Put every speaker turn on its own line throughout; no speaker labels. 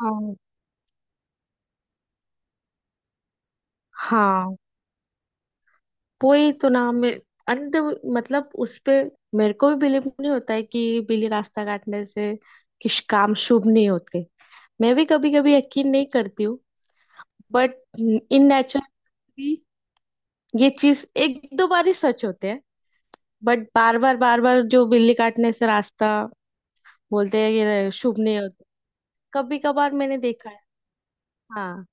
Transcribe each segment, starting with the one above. हाँ। हाँ, वही तो नाम में अंत, मतलब उस पे मेरे को भी बिलीव नहीं होता है कि बिल्ली रास्ता काटने से किस काम शुभ नहीं होते। मैं भी कभी कभी यकीन नहीं करती हूँ, बट इन नेचर भी ये चीज एक दो बार ही सच होते हैं। बट बार बार बार बार जो बिल्ली काटने से रास्ता बोलते हैं, ये शुभ नहीं होता। कभी कभार मैंने देखा है। हाँ,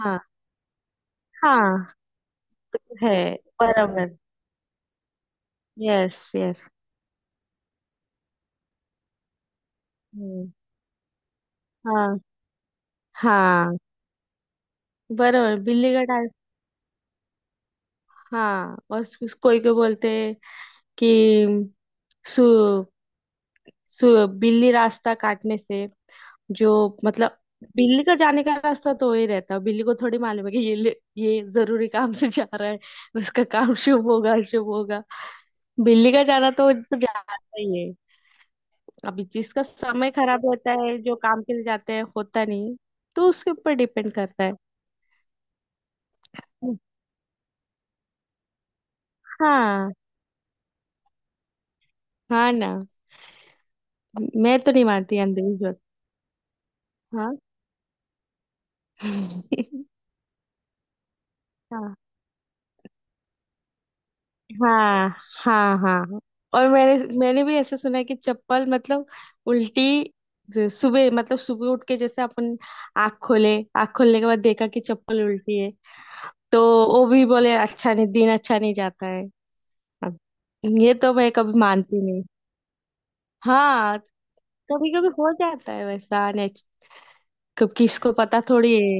हाँ, हाँ, है, बराबर। Yes, yes. हम्म। हाँ, हाँ, बरोबर, बिल्ली का टाइप। हाँ, और कोई को बोलते हैं कि सु, सु बिल्ली रास्ता काटने से जो, मतलब बिल्ली का जाने का रास्ता तो वही रहता है, बिल्ली को थोड़ी मालूम है कि ये जरूरी काम से जा रहा है, उसका काम शुभ होगा, शुभ होगा। बिल्ली का जाना तो जाता ही है। अभी जिसका समय खराब होता है, जो काम के लिए जाते हैं होता नहीं, तो उसके ऊपर डिपेंड करता है। हाँ, हाँ ना। मैं तो नहीं मानती अंधविश्वास। हाँ। हाँ, हाँ, हाँ, हाँ। और मैंने मैंने भी ऐसे सुना है कि चप्पल मतलब उल्टी, जो सुबह मतलब सुबह उठ के जैसे अपन आँख खोले, आँख खोलने के बाद देखा कि चप्पल उल्टी है, तो वो भी बोले अच्छा नहीं, दिन अच्छा नहीं जाता है। अब ये तो मैं कभी मानती नहीं। हाँ। कभी कभी हो जाता है वैसा कब किसको पता थोड़ी है।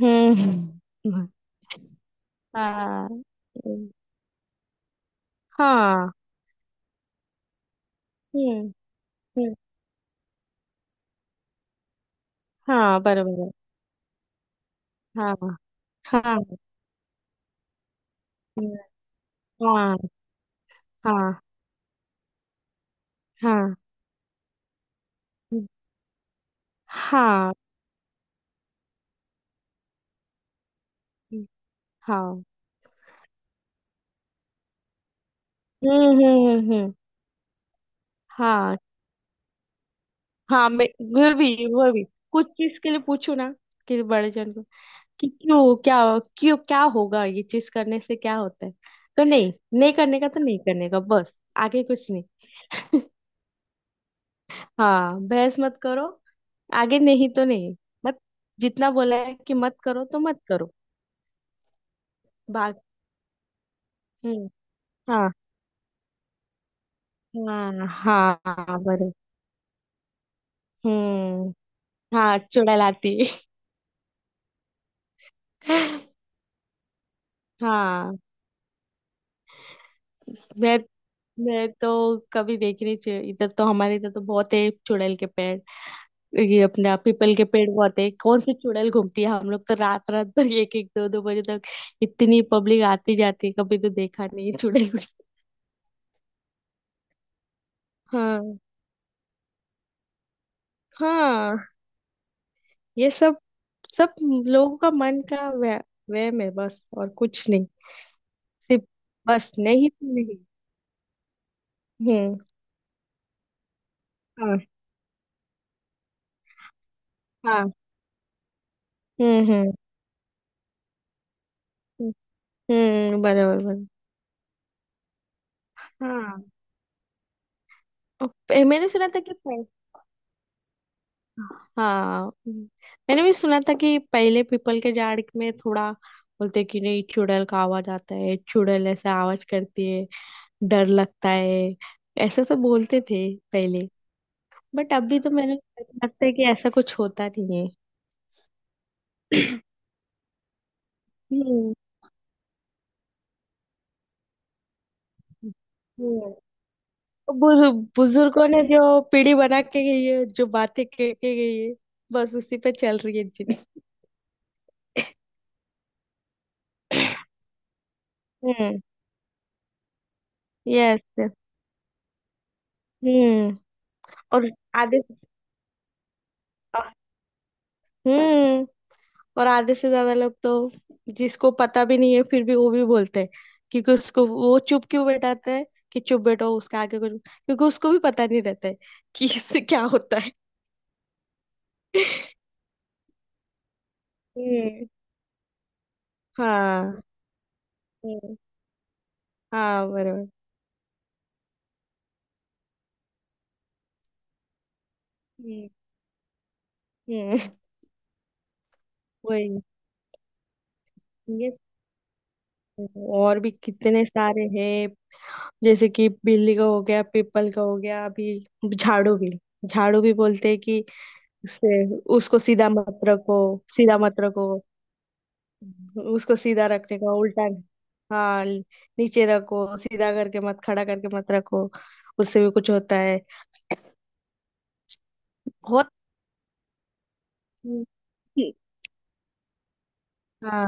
हम्म, हम्म। हाँ, हाँ, हम्म, हम्म, हाँ, बरोबर है। हाँ, हाँ, हाँ, हाँ, हाँ, हाँ, हाँ। हम्म, हम्म, हम्म, हाँ, हाँ। मैं, वो भी, वो भी कुछ चीज के लिए पूछू ना कि बड़े जन को कि क्यों क्या, क्यों क्या होगा, ये चीज करने से क्या होता है, तो नहीं, नहीं करने का तो नहीं करने का, बस आगे कुछ नहीं। हाँ, बहस मत करो। आगे नहीं तो नहीं, मत, जितना बोला है कि मत करो तो मत करो। बाकी हम्म। हाँ, हाँ, हाँ, बरोबर। हम्म। हाँ, चुड़ैलाती। हाँ, मैं मैं तो कभी देखी नहीं, इधर तो, हमारे इधर तो बहुत है चुड़ैल के पेड़, ये अपना पीपल के पेड़ बहुत है, कौन सी चुड़ैल घूमती है, हम लोग तो रात रात भर एक एक दो दो बजे तक, इतनी पब्लिक आती जाती है, कभी तो देखा नहीं है चुड़ैल को। हाँ, हाँ, ये सब, सब लोगों का मन का वह, वहम है, बस और कुछ नहीं। सिर्फ बस, नहीं तो नहीं। हम्म। हाँ। हाँ। हम्म, हम्म, हम्म, बराबर, बराबर। हाँ। और मैंने सुना था कि हाँ, मैंने भी सुना था कि पहले पीपल के झाड़ में थोड़ा बोलते कि नहीं, चुड़ैल का आवाज आता है, चुड़ैल ऐसा आवाज करती है, डर लगता है, ऐसा सब बोलते थे पहले। बट अभी तो मैंने लगता है कि ऐसा कुछ होता नहीं है। हम्म, हम्म। बुजुर्गों ने जो पीढ़ी बना के गई है, जो बातें कह के गई है, बस उसी पे चल रही है, जिन। हम्म। यस। हम्म। और आधे, अ- हम्म, और आधे से ज्यादा लोग तो, जिसको पता भी नहीं है फिर भी वो भी बोलते हैं, क्योंकि उसको वो चुप क्यों बैठाते हैं कि चुप बैठो, उसके आगे कुछ, क्योंकि उसको भी पता नहीं रहता है कि इससे क्या होता है। हम्म। हाँ। हम्म। हाँ, बराबर। हम्म, हम्म। वही। ये और भी कितने सारे हैं, जैसे कि बिल्ली का हो गया, पीपल का हो गया, अभी झाड़ू भी, झाड़ू भी बोलते हैं कि से, उसको सीधा मत रखो, सीधा मत रखो, उसको सीधा रखने का उल्टा। हाँ, नीचे रखो, सीधा करके मत, खड़ा करके मत रखो, उससे भी कुछ होता है। बहुत। हाँ,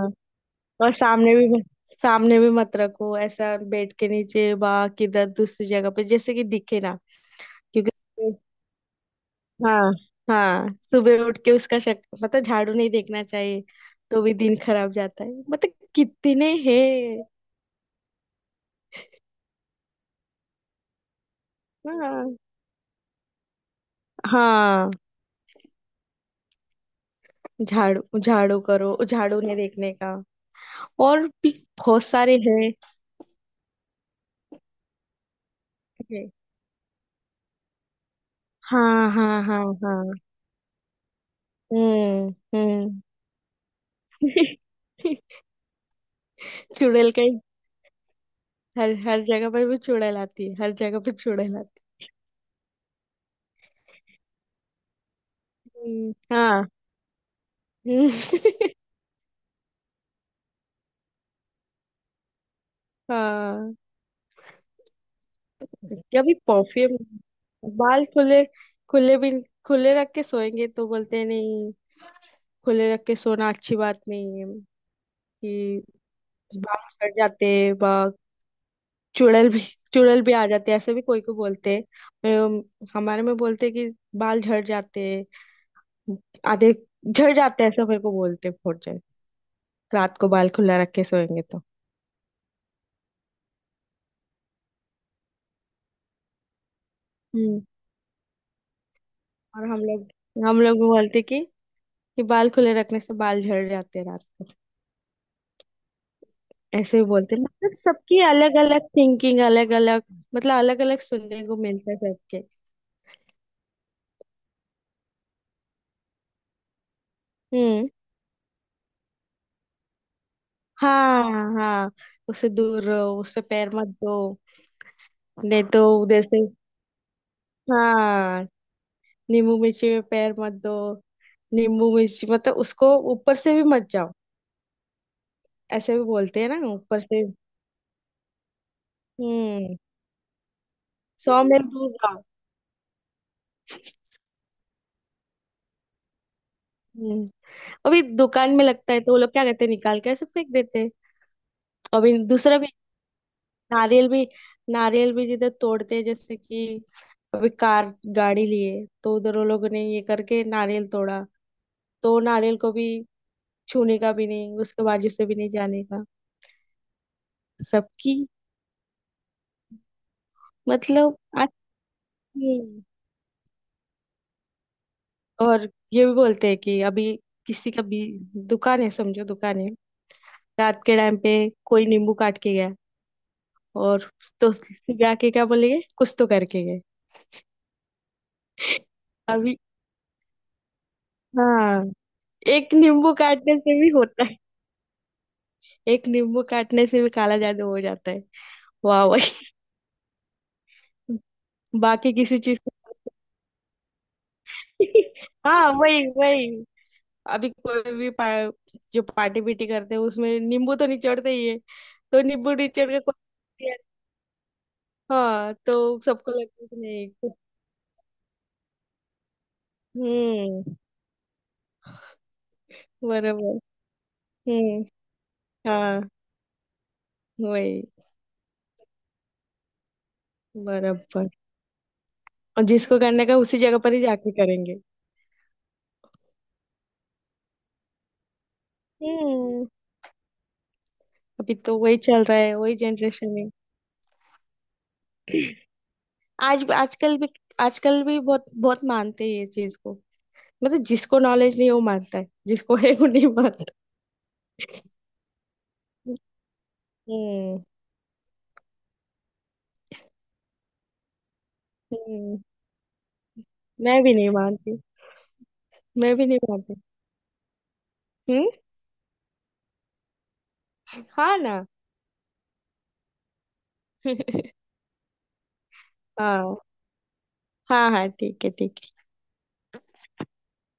और सामने भी, सामने भी मत रखो, ऐसा बेड के नीचे बा, किधर दूसरी जगह पे, जैसे कि दिखे ना, क्योंकि हाँ, हाँ, सुबह उठ के उसका शक, मतलब झाड़ू नहीं देखना चाहिए तो भी दिन खराब जाता है, मतलब कितने हैं। हाँ, हाँ, झाड़ू झाड़ू करो, झाड़ू उन्हें देखने का, और भी बहुत सारे हैं। हाँ, हाँ, हाँ, हाँ। हम्म, हम्म। चुड़ैल का हर, हर जगह पर भी चुड़ैल आती है, हर जगह पर चुड़ैल आती है। हाँ, हम्म। हाँ, कभी परफ्यूम, बाल खुले, खुले भी, खुले रख के सोएंगे तो बोलते हैं नहीं, खुले रख के सोना अच्छी बात नहीं है कि बाल झड़ जाते हैं, बा चुड़ैल भी, चुड़ैल भी आ जाते हैं, ऐसे भी कोई को बोलते हैं, हमारे में बोलते हैं कि बाल झड़ जाते हैं, आधे झड़ जाते हैं, ऐसा मेरे को बोलते हैं, फोड़ जाए, रात को बाल खुला रख के सोएंगे तो। हम्म। और हम लोग, हम लोग भी बोलते हैं कि बाल खुले रखने से बाल झड़ जाते हैं रात, ऐसे भी बोलते हैं, मतलब सबकी अलग अलग थिंकिंग, अलग अलग मतलब अलग अलग सुनने को मिलता है सबके। हम्म। हाँ, हाँ, उससे दूर रहो, उस पे पैर मत दो। नहीं तो उधर से, हाँ, नींबू मिर्ची में पैर मत दो, नींबू मिर्ची मतलब उसको ऊपर से भी मत जाओ, ऐसे भी बोलते हैं ना, ऊपर से। हम्म, 100 मील दूर जाओ। हम्म, अभी दुकान में लगता है तो वो लोग क्या करते हैं, निकाल के ऐसे फेंक देते हैं। अभी दूसरा भी, नारियल भी, नारियल भी जिधर तोड़ते हैं, जैसे कि अभी कार गाड़ी लिए तो उधर वो लोगों ने ये करके नारियल तोड़ा, तो नारियल को भी छूने का भी नहीं, उसके बाजू से भी नहीं जाने का, सबकी मतलब अच्छी है। और ये भी बोलते हैं कि अभी, किसी का भी दुकान है, समझो दुकान है, रात के टाइम पे कोई नींबू काट के गया और, तो जाके क्या बोलेंगे, कुछ तो करके गए। अभी, हाँ, एक नींबू काटने से भी होता है, एक नींबू काटने से भी काला जादू हो जाता है। वाह, वही। बाकी किसी हाँ, वही, वही। अभी कोई भी जो पार्टी पीटी करते हैं उसमें नींबू तो निचोड़ते ही है, तो नींबू निचोड़ के, हाँ, तो सबको लगता है कि नहीं कुछ। हम्म, बराबर। हम्म। हाँ, वही, बराबर। और जिसको करने का उसी जगह पर ही जाके करेंगे। हम्म, अभी तो वही चल रहा है, वही जनरेशन है। आज आजकल भी, आजकल भी बहुत बहुत मानते हैं ये चीज को, मतलब जिसको नॉलेज नहीं है वो मानता है, जिसको है वो नहीं मानता। हम्म, हम्म। मैं भी नहीं मानती। मैं भी नहीं मानती। हम्म। हाँ ना। हाँ, हाँ, हाँ, ठीक है, ठीक।